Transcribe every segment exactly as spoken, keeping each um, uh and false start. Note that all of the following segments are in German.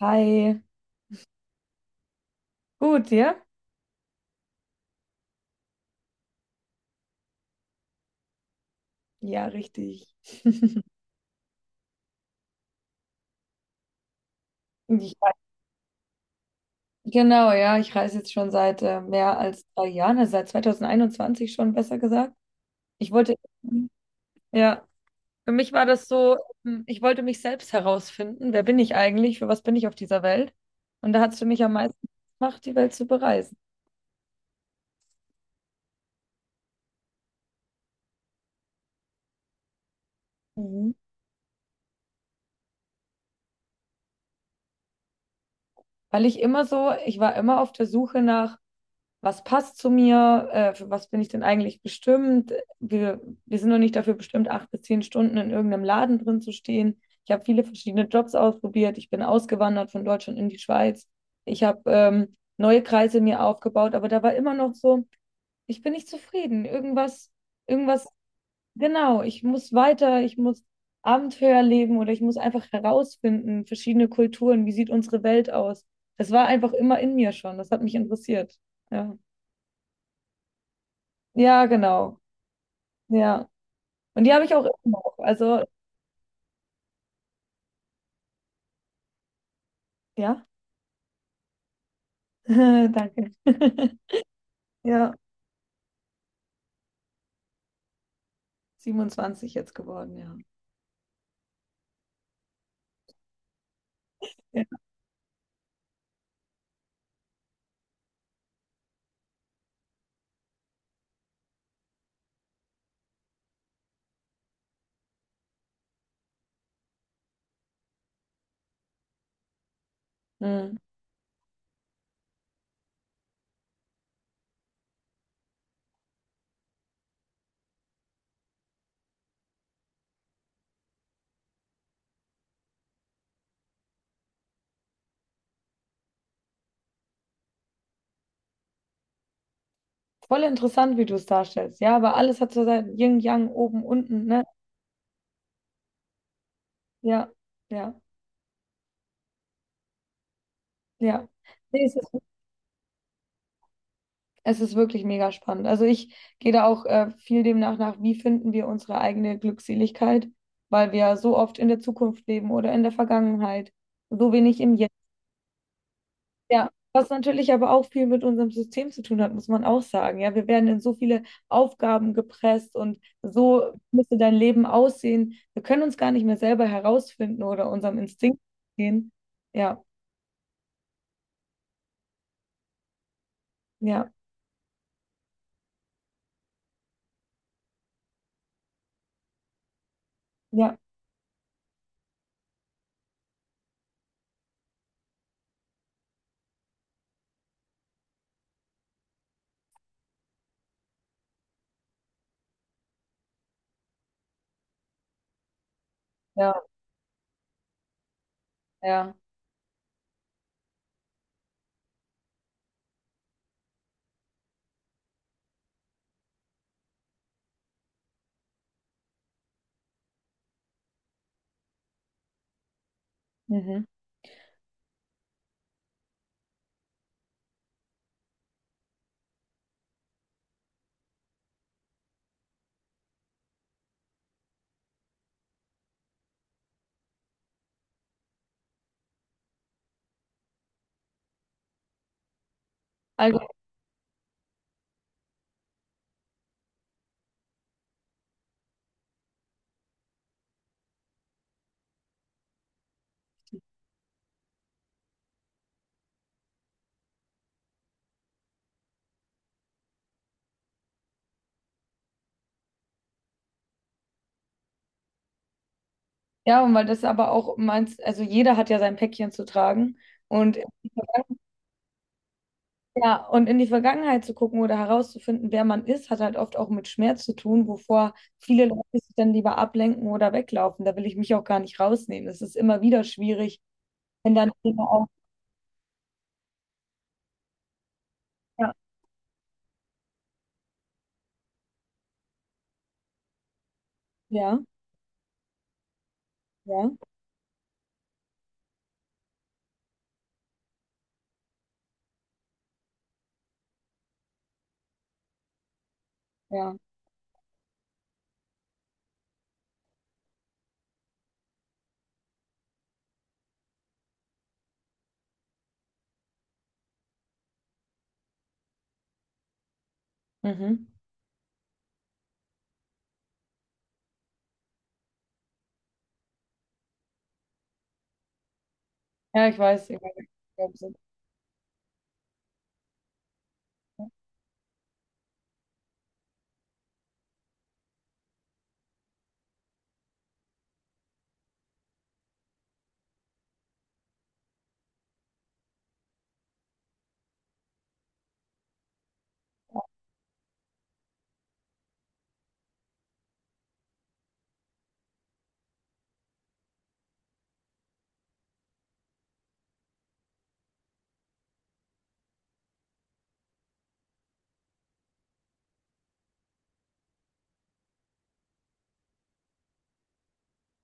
Hi, gut, ja? Ja, richtig. Ich, genau, ja, ich reise jetzt schon seit äh, mehr als drei Jahren, also seit zwanzig einundzwanzig schon, besser gesagt. Ich wollte, ja, für mich war das so, hm, ich wollte mich selbst herausfinden, wer bin ich eigentlich, für was bin ich auf dieser Welt? Und da hat es für mich am meisten gemacht, die Welt zu bereisen. Mhm. Weil ich immer so, ich war immer auf der Suche nach, was passt zu mir, äh, für was bin ich denn eigentlich bestimmt. Wir, wir sind noch nicht dafür bestimmt, acht bis zehn Stunden in irgendeinem Laden drin zu stehen. Ich habe viele verschiedene Jobs ausprobiert. Ich bin ausgewandert von Deutschland in die Schweiz. Ich habe ähm, neue Kreise mir aufgebaut, aber da war immer noch so, ich bin nicht zufrieden. Irgendwas, irgendwas, genau, ich muss weiter, ich muss Abenteuer leben oder ich muss einfach herausfinden, verschiedene Kulturen, wie sieht unsere Welt aus. Das war einfach immer in mir schon, das hat mich interessiert. Ja. Ja, genau. Ja. Und die habe ich auch immer noch. Also, ja. Danke. Ja, siebenundzwanzig jetzt geworden, ja. Ja. Mhm. Voll interessant, wie du es darstellst. Ja, aber alles hat so sein Yin, Yang, oben, unten, ne? Ja, ja, ja. Nee, es ist, es ist wirklich mega spannend. Also ich gehe da auch äh, viel demnach nach, wie finden wir unsere eigene Glückseligkeit, weil wir so oft in der Zukunft leben oder in der Vergangenheit, so wenig im Jetzt. Ja, was natürlich aber auch viel mit unserem System zu tun hat, muss man auch sagen. Ja, wir werden in so viele Aufgaben gepresst und so müsste dein Leben aussehen. Wir können uns gar nicht mehr selber herausfinden oder unserem Instinkt gehen. Ja, ja, ja, ja, ja. Mhm. Also, ja, und weil das aber auch meinst, also jeder hat ja sein Päckchen zu tragen und. Ja, und in die Vergangenheit zu gucken oder herauszufinden, wer man ist, hat halt oft auch mit Schmerz zu tun, wovor viele Leute sich dann lieber ablenken oder weglaufen. Da will ich mich auch gar nicht rausnehmen. Es ist immer wieder schwierig, wenn dann Dinge auch. Ja, ja, ja. Ja, mhm. Ja, ich weiß, ich weiß, ich glaub, so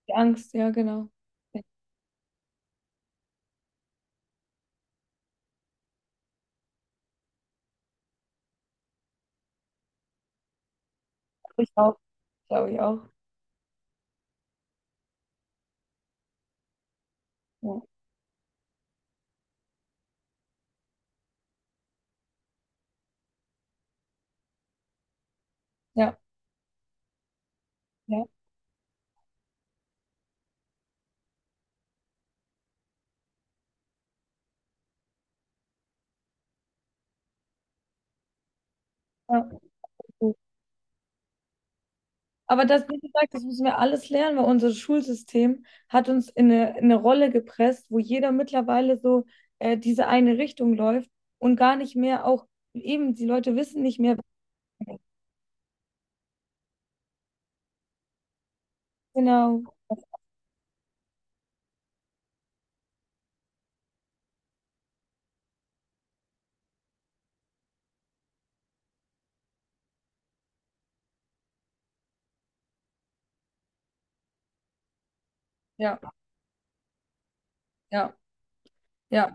die Angst, ja, genau. Ja, glaub ich auch, glaube ich auch. Ja, ja, ja, ja. Aber das, wie gesagt, das müssen wir alles lernen, weil unser Schulsystem hat uns in eine, in eine Rolle gepresst, wo jeder mittlerweile so äh, diese eine Richtung läuft und gar nicht mehr auch, eben die Leute wissen nicht mehr. Genau, ja, ja, ja.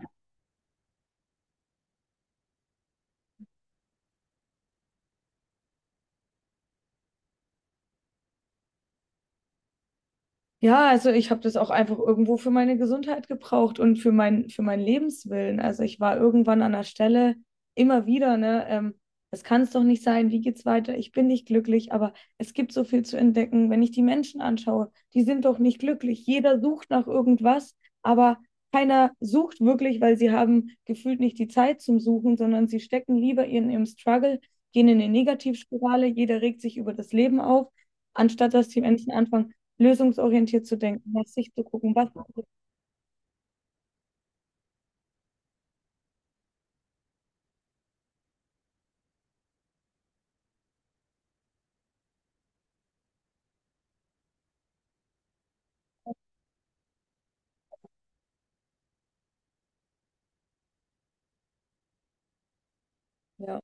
Ja, also ich habe das auch einfach irgendwo für meine Gesundheit gebraucht und für mein, für meinen Lebenswillen. Also ich war irgendwann an der Stelle immer wieder, ne, ähm, das kann es doch nicht sein, wie geht's weiter? Ich bin nicht glücklich, aber es gibt so viel zu entdecken. Wenn ich die Menschen anschaue, die sind doch nicht glücklich. Jeder sucht nach irgendwas, aber keiner sucht wirklich, weil sie haben gefühlt nicht die Zeit zum Suchen, sondern sie stecken lieber in ihrem Struggle, gehen in eine Negativspirale, jeder regt sich über das Leben auf, anstatt dass die Menschen anfangen lösungsorientiert zu denken, nach sich zu gucken, was, ja,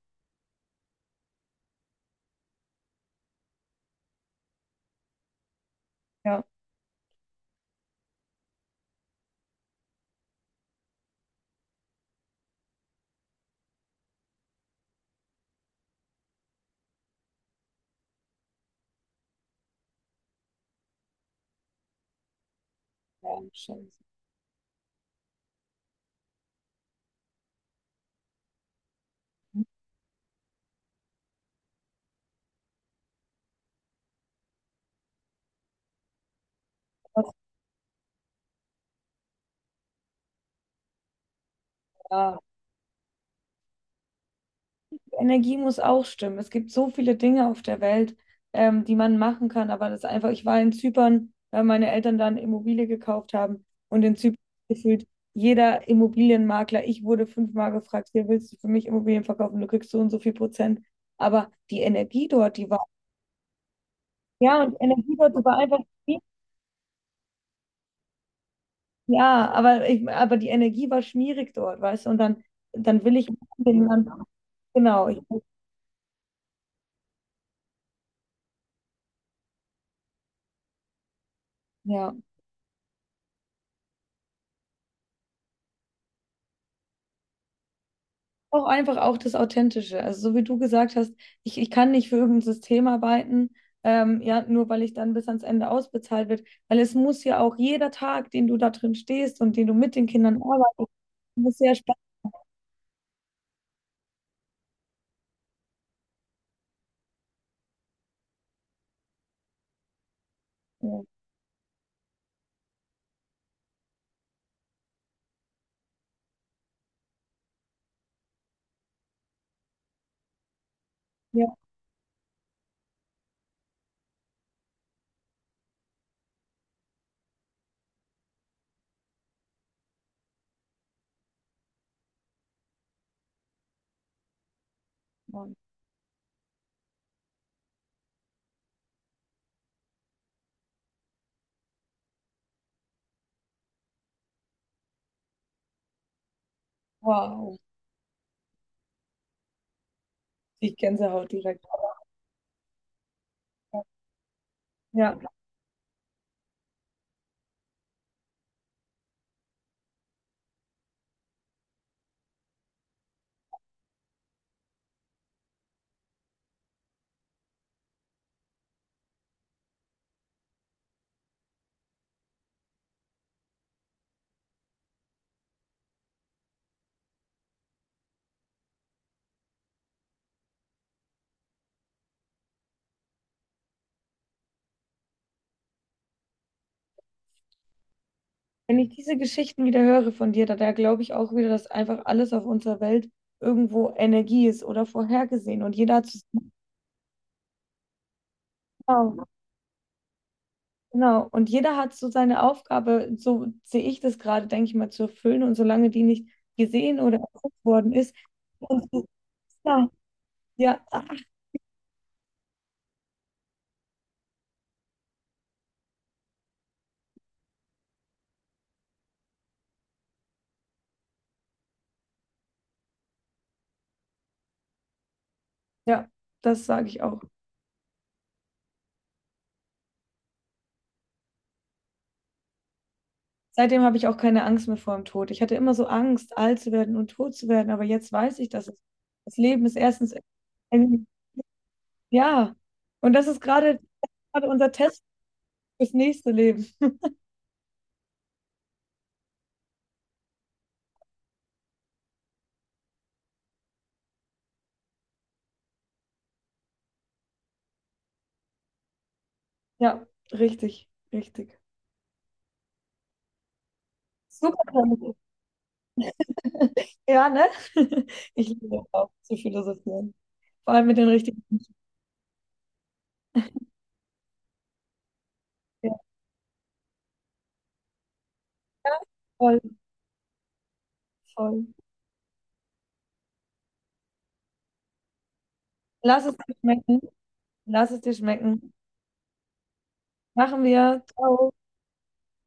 ja, ja, scheiße. Was? Ja, die Energie muss auch stimmen. Es gibt so viele Dinge auf der Welt, ähm, die man machen kann, aber das ist einfach, ich war in Zypern, weil meine Eltern da eine Immobilie gekauft haben und in Zypern gefühlt jeder Immobilienmakler, ich wurde fünfmal gefragt, hier willst du für mich Immobilien verkaufen, du kriegst so und so viel Prozent. Aber die Energie dort, die war, ja, und die Energie dort, die war einfach, ja, aber, ich, aber die Energie war schmierig dort, weißt du? Und dann, dann will ich den Land, genau, ich, ja. Auch einfach auch das Authentische. Also so wie du gesagt hast, ich, ich kann nicht für irgendein System arbeiten, ähm, ja, nur weil ich dann bis ans Ende ausbezahlt wird. Weil es muss ja auch jeder Tag, den du da drin stehst und den du mit den Kindern arbeitest, muss sehr Spaß machen. Ja, Mann. Wow, ich Gänsehaut direkt. Ja. Wenn ich diese Geschichten wieder höre von dir, da, da glaube ich auch wieder, dass einfach alles auf unserer Welt irgendwo Energie ist oder vorhergesehen. Und jeder hat so, genau, genau. Und jeder hat so seine Aufgabe, so sehe ich das gerade, denke ich mal, zu erfüllen. Und solange die nicht gesehen oder erkannt worden ist, und so, ja, ja, ja, das sage ich auch. Seitdem habe ich auch keine Angst mehr vor dem Tod. Ich hatte immer so Angst, alt zu werden und tot zu werden, aber jetzt weiß ich, dass es, das Leben ist erstens, ein- ja, und das ist gerade gerade unser Test. Fürs nächste Leben. Ja, richtig, richtig. Super. Tanz. Ja, ne? Ich liebe es auch zu philosophieren. Vor allem mit den richtigen Menschen. Ja, voll, voll. Lass es dir schmecken. Lass es dir schmecken. Machen wir. Ciao.